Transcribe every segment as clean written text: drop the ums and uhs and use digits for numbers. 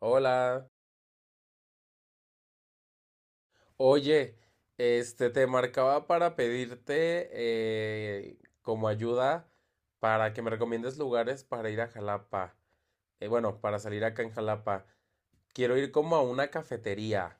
Hola, oye, te marcaba para pedirte como ayuda para que me recomiendes lugares para ir a Jalapa. Bueno, para salir acá en Jalapa. Quiero ir como a una cafetería.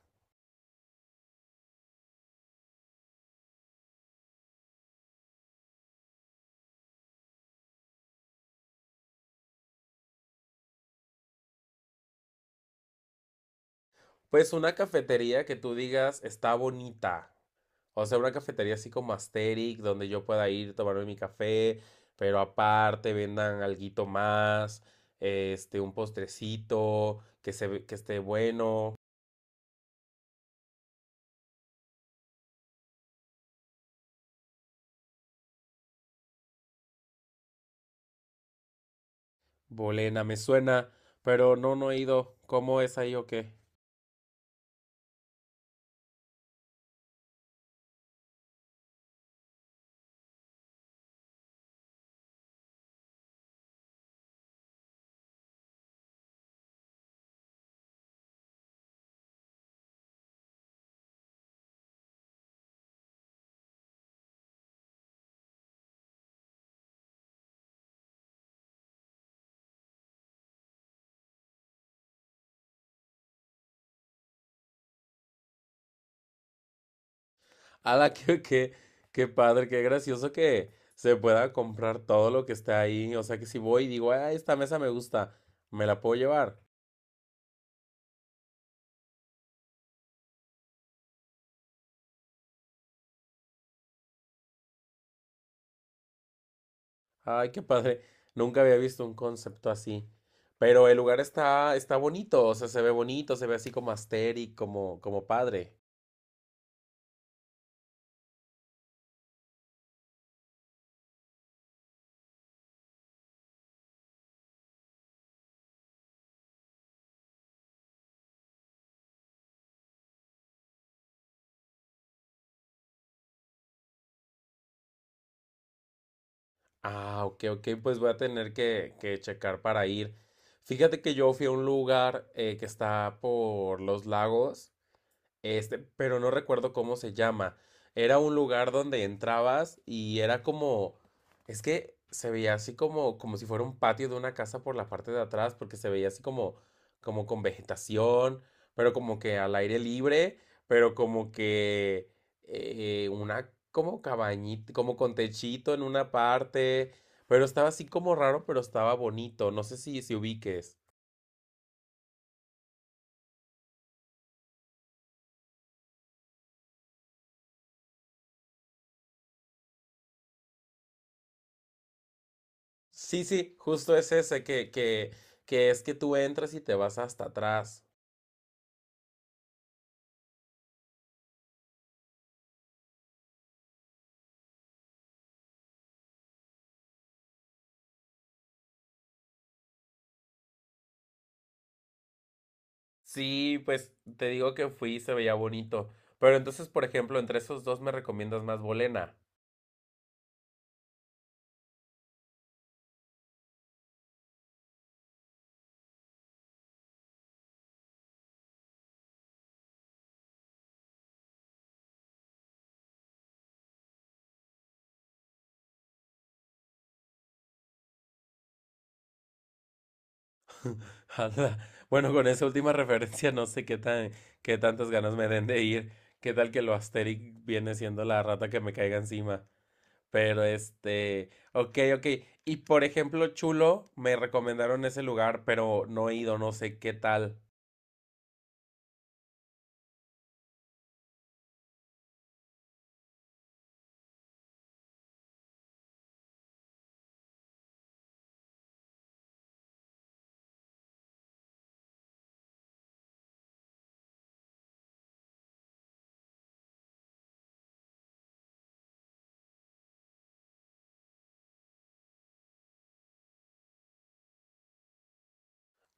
Pues una cafetería que tú digas está bonita. O sea, una cafetería así como Asterix, donde yo pueda ir, tomarme mi café, pero aparte vendan alguito más, un postrecito, que esté bueno. Bolena, me suena, pero no, no he ido. ¿Cómo es ahí o qué? Ala, qué padre, qué gracioso que se pueda comprar todo lo que está ahí. O sea que si voy y digo, ah, esta mesa me gusta, me la puedo llevar. Ay, qué padre. Nunca había visto un concepto así. Pero el lugar está, está bonito, o sea, se ve bonito, se ve así como asteric, como padre. Ah, ok, ok, pues voy a tener que checar para ir. Fíjate que yo fui a un lugar que está por los lagos. Pero no recuerdo cómo se llama. Era un lugar donde entrabas y era como, es que se veía así como, si fuera un patio de una casa por la parte de atrás, porque se veía así como con vegetación, pero como que al aire libre, pero como que una, como cabañita, como con techito en una parte, pero estaba así como raro, pero estaba bonito. No sé si ubiques. Sí, sí, justo es ese, que es que tú entras y te vas hasta atrás. Sí, pues te digo que fui y se veía bonito. Pero entonces, por ejemplo, entre esos dos me recomiendas más Bolena. Anda, bueno, con esa última referencia no sé qué tantas ganas me den de ir. ¿Qué tal que lo Asterix viene siendo la rata que me caiga encima? Pero ok, ok. Y por ejemplo, Chulo, me recomendaron ese lugar, pero no he ido, no sé qué tal.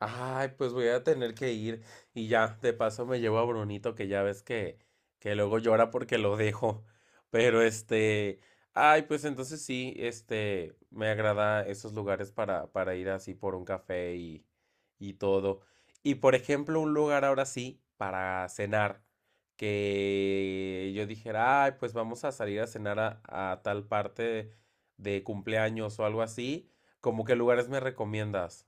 Ay, pues voy a tener que ir y ya, de paso me llevo a Brunito que ya ves que luego llora porque lo dejo. Pero ay, pues entonces sí, me agrada esos lugares para ir así por un café y todo. Y por ejemplo, un lugar ahora sí para cenar, que yo dijera, ay, pues vamos a salir a cenar a tal parte de cumpleaños o algo así, como qué lugares me recomiendas?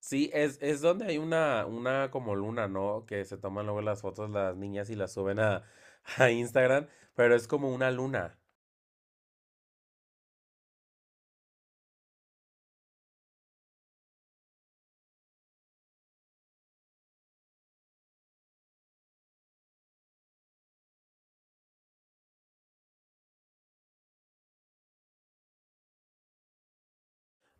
Sí, es donde hay una como luna, ¿no? Que se toman luego las fotos las niñas y las suben a Instagram, pero es como una luna.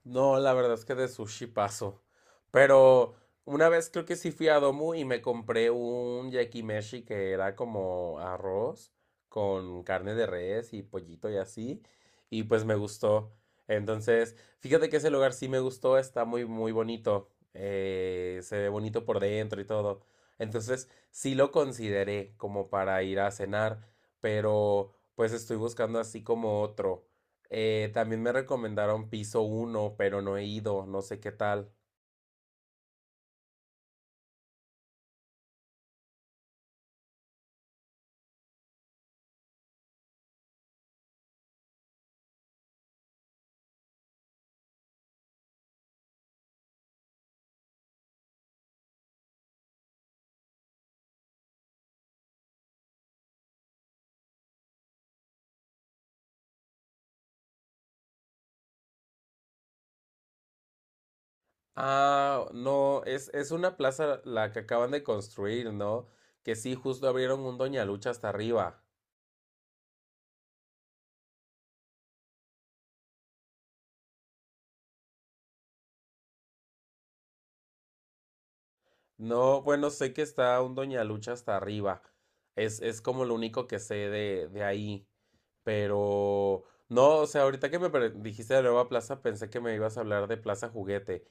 No, la verdad es que de sushi paso. Pero una vez creo que sí fui a Domu y me compré un yakimeshi que era como arroz con carne de res y pollito y así. Y pues me gustó. Entonces, fíjate que ese lugar sí me gustó, está muy, muy bonito. Se ve bonito por dentro y todo. Entonces, sí lo consideré como para ir a cenar, pero pues estoy buscando así como otro. También me recomendaron Piso uno pero no he ido, no sé qué tal. Ah, no, es una plaza la que acaban de construir, ¿no? Que sí, justo abrieron un Doña Lucha hasta arriba. No, bueno, sé que está un Doña Lucha hasta arriba. Es como lo único que sé de ahí. Pero, no, o sea, ahorita que me dijiste de nueva plaza, pensé que me ibas a hablar de Plaza Juguete.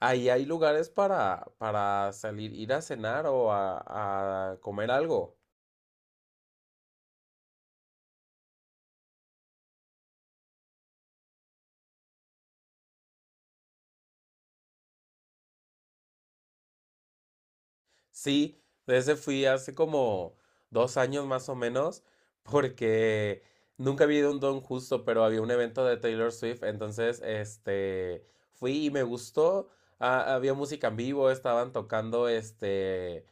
Ahí hay lugares para salir, ir a cenar o a comer algo. Sí, de ese fui hace como 2 años más o menos, porque nunca había ido a un Don Justo, pero había un evento de Taylor Swift, entonces fui y me gustó. Ah, había música en vivo, estaban tocando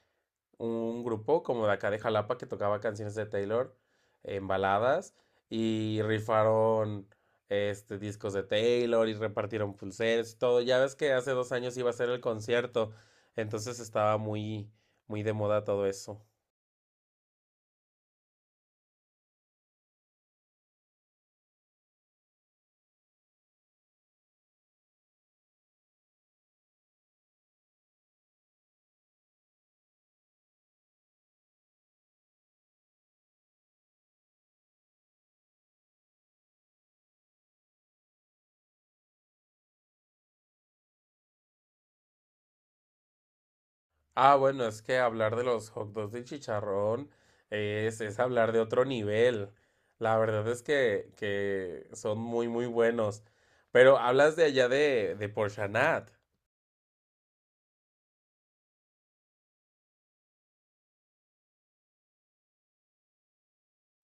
un grupo como de acá de Jalapa que tocaba canciones de Taylor en baladas y rifaron discos de Taylor y repartieron pulseras y todo. Ya ves que hace 2 años iba a ser el concierto, entonces estaba muy, muy de moda todo eso. Ah, bueno, es que hablar de los hot dogs de chicharrón es hablar de otro nivel. La verdad es que son muy, muy buenos. Pero hablas de allá de Porchanat.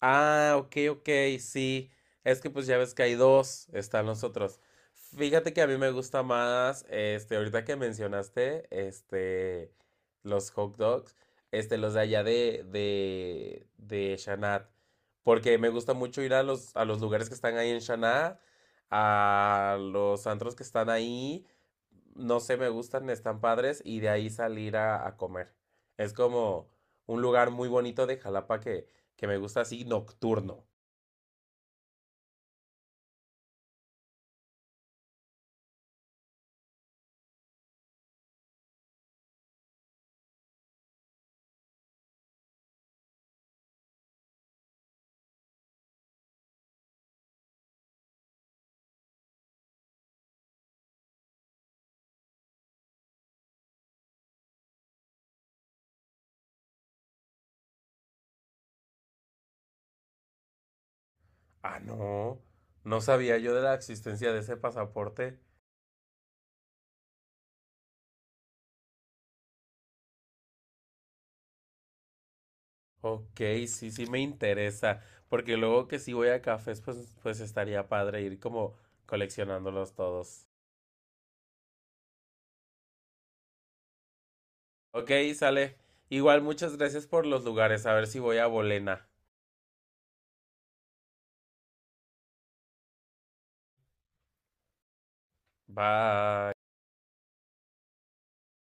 Ah, ok, ok, sí. Es que pues ya ves que hay dos, están los otros. Fíjate que a mí me gusta más, ahorita que mencionaste, los hot dogs, los de allá de Shanat, porque me gusta mucho ir a los lugares que están ahí en Shanat, a los antros que están ahí, no sé, me gustan, están padres, y de ahí salir a comer. Es como un lugar muy bonito de Jalapa que me gusta así nocturno. Ah, no, no sabía yo de la existencia de ese pasaporte. Ok, sí, sí me interesa, porque luego que si voy a cafés, pues estaría padre ir como coleccionándolos todos. Ok, sale. Igual muchas gracias por los lugares, a ver si voy a Bolena. Bye.